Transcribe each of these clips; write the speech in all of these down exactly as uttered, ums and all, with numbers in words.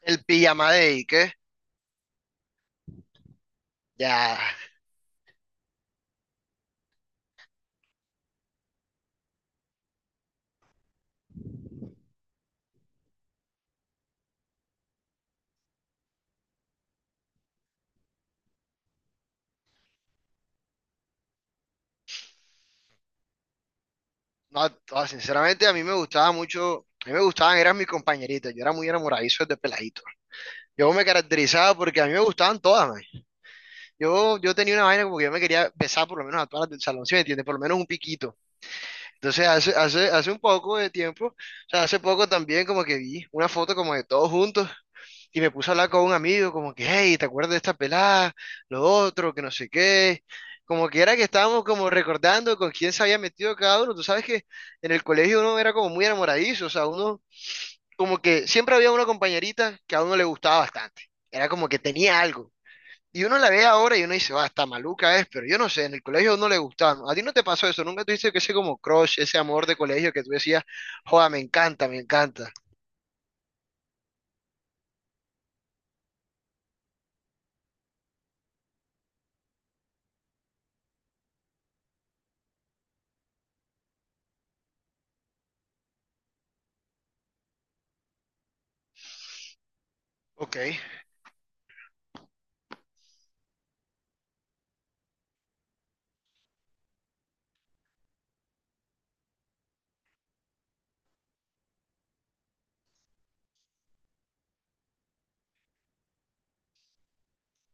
El pijama de Ike, ya, no, no, sinceramente a mí me gustaba mucho, a mí me gustaban, eran mis compañeritas, yo era muy enamoradizo de peladito. Yo me caracterizaba porque a mí me gustaban todas, man. Yo, yo tenía una vaina como que yo me quería besar por lo menos a todas las del salón, ¿sí me entiendes? Por lo menos un piquito. Entonces hace, hace, hace un poco de tiempo, o sea, hace poco también como que vi una foto como de todos juntos. Y me puse a hablar con un amigo, como que, hey, ¿te acuerdas de esta pelada? Lo otro, que no sé qué. Como que era que estábamos como recordando con quién se había metido cada uno. Tú sabes que en el colegio uno era como muy enamoradizo, o sea, uno como que siempre había una compañerita que a uno le gustaba bastante. Era como que tenía algo. Y uno la ve ahora y uno dice, va, está maluca es, pero yo no sé, en el colegio a uno le gustaba, ¿no? ¿A ti no te pasó eso? ¿Nunca tuviste que ese como crush, ese amor de colegio que tú decías, joda, me encanta, me encanta? Ok,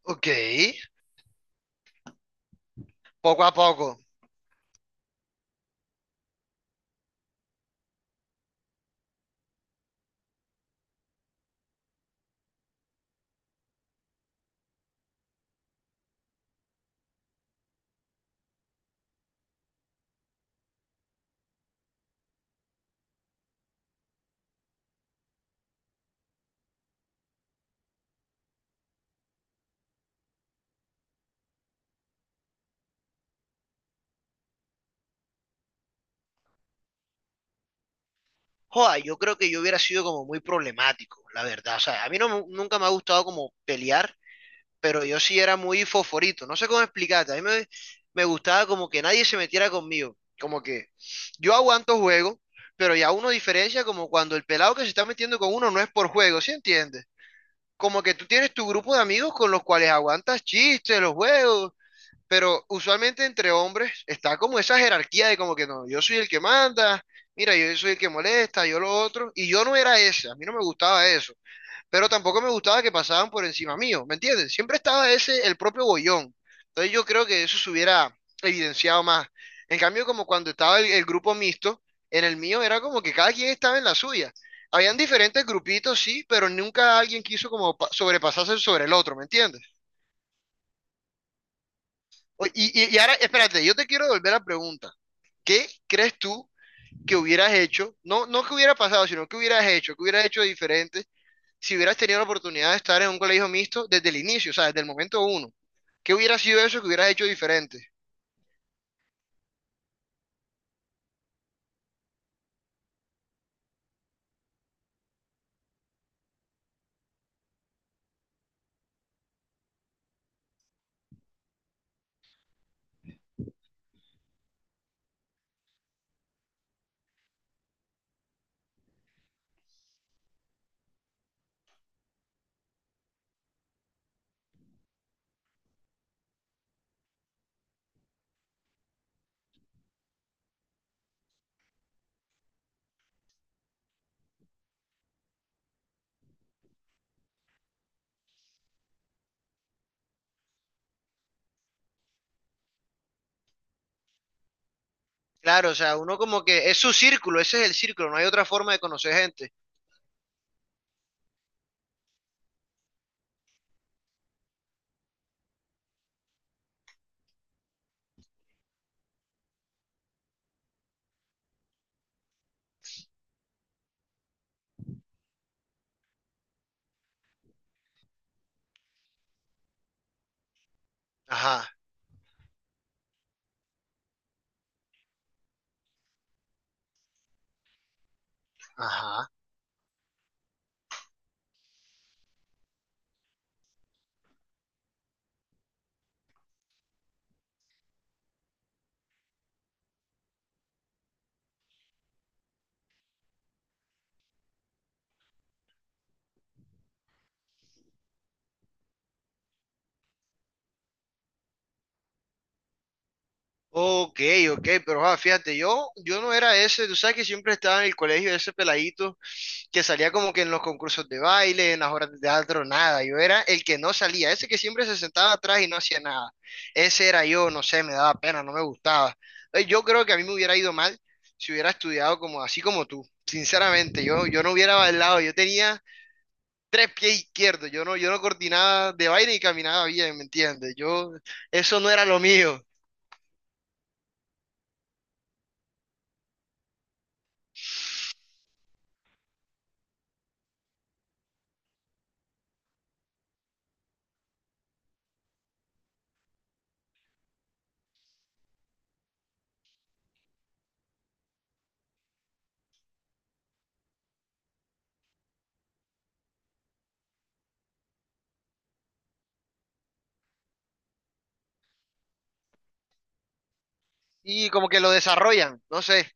ok, poco a poco. Joda, yo creo que yo hubiera sido como muy problemático, la verdad. O sea, a mí no, me- nunca me ha gustado como pelear, pero yo sí era muy fosforito. No sé cómo explicarte. A mí me, me gustaba como que nadie se metiera conmigo. Como que yo aguanto juego, pero ya uno diferencia como cuando el pelado que se está metiendo con uno no es por juego, ¿sí entiendes? Como que tú tienes tu grupo de amigos con los cuales aguantas chistes, los juegos, pero usualmente entre hombres está como esa jerarquía de como que no, yo soy el que manda, mira, yo soy el que molesta, yo lo otro, y yo no era ese, a mí no me gustaba eso, pero tampoco me gustaba que pasaban por encima mío, ¿me entiendes? Siempre estaba ese, el propio bollón. Entonces yo creo que eso se hubiera evidenciado más. En cambio, como cuando estaba el, el grupo mixto, en el mío era como que cada quien estaba en la suya. Habían diferentes grupitos, sí, pero nunca alguien quiso como pa- sobrepasarse sobre el otro, ¿me entiendes? O- Y, y, y ahora, espérate, yo te quiero devolver la pregunta. ¿Qué crees tú que hubieras hecho? No, no que hubiera pasado, sino que hubieras hecho, que hubieras hecho de diferente si hubieras tenido la oportunidad de estar en un colegio mixto desde el inicio, o sea, desde el momento uno. ¿Qué hubiera sido eso que hubieras hecho diferente? Claro, o sea, uno como que es su círculo, ese es el círculo, no hay otra forma de conocer gente. Ajá, ajá. Ok, ok, pero ah, fíjate, yo, yo no era ese, tú sabes que siempre estaba en el colegio ese peladito que salía como que en los concursos de baile, en las horas de teatro, nada. Yo era el que no salía, ese que siempre se sentaba atrás y no hacía nada. Ese era yo, no sé, me daba pena, no me gustaba. Eh, Yo creo que a mí me hubiera ido mal si hubiera estudiado como así como tú. Sinceramente, yo, yo no hubiera bailado, yo tenía tres pies izquierdos, yo no, yo no coordinaba de baile y caminaba bien, ¿me entiendes? Yo, eso no era lo mío. Y como que lo desarrollan, no sé.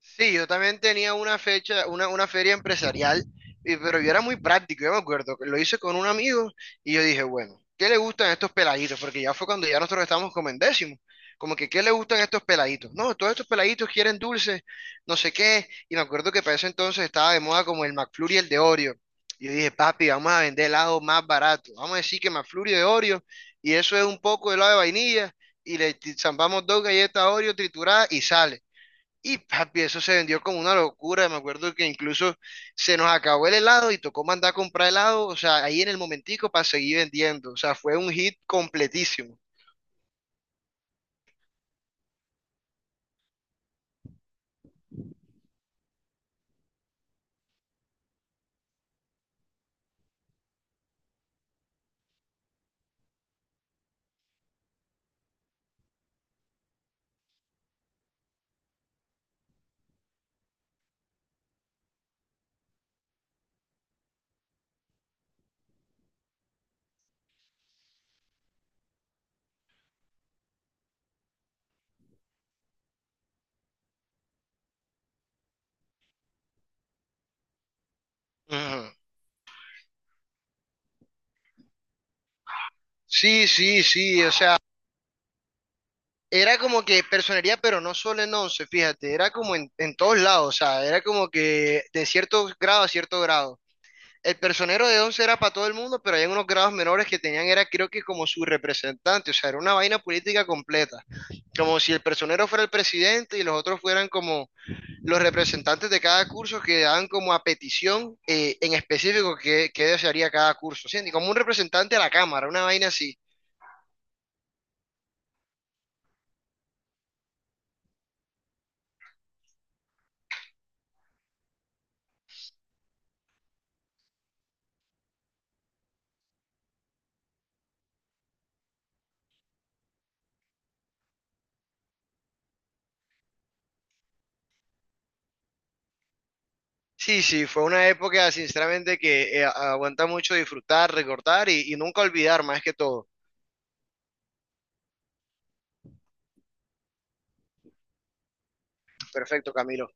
Sí, yo también tenía una fecha, una, una feria empresarial, y- pero yo era muy práctico, yo me acuerdo, que lo hice con un amigo y yo dije, bueno, ¿qué le gustan estos peladitos? Porque ya fue cuando ya nosotros estábamos como en décimo, como que ¿qué le gustan estos peladitos? No, todos estos peladitos quieren dulces, no sé qué, y me acuerdo que para ese entonces estaba de moda como el McFlurry y el de Oreo. Y yo dije, papi, vamos a vender helado más barato, vamos a decir que McFlurry de Oreo, y eso es un poco de helado de vainilla, y le t- zampamos dos galletas Oreo trituradas y sale. Y papi, eso se vendió como una locura. Me acuerdo que incluso se nos acabó el helado y tocó mandar a comprar helado, o sea, ahí en el momentico para seguir vendiendo. O sea, fue un hit completísimo. Ujú. Sí, sí, sí, o sea, era como que personería, pero no solo en once, fíjate, era como en, en todos lados, o sea, era como que de cierto grado a cierto grado. El personero de once era para todo el mundo, pero hay unos grados menores que tenían, era creo que como su representante, o sea, era una vaina política completa, como si el personero fuera el presidente y los otros fueran como los representantes de cada curso que daban como a petición eh, en específico qué, qué desearía cada curso, ¿sí? Y como un representante a la Cámara, una vaina así. Sí, sí, fue una época sinceramente que eh, aguanta mucho disfrutar, recordar y, y nunca olvidar más que todo. Perfecto, Camilo.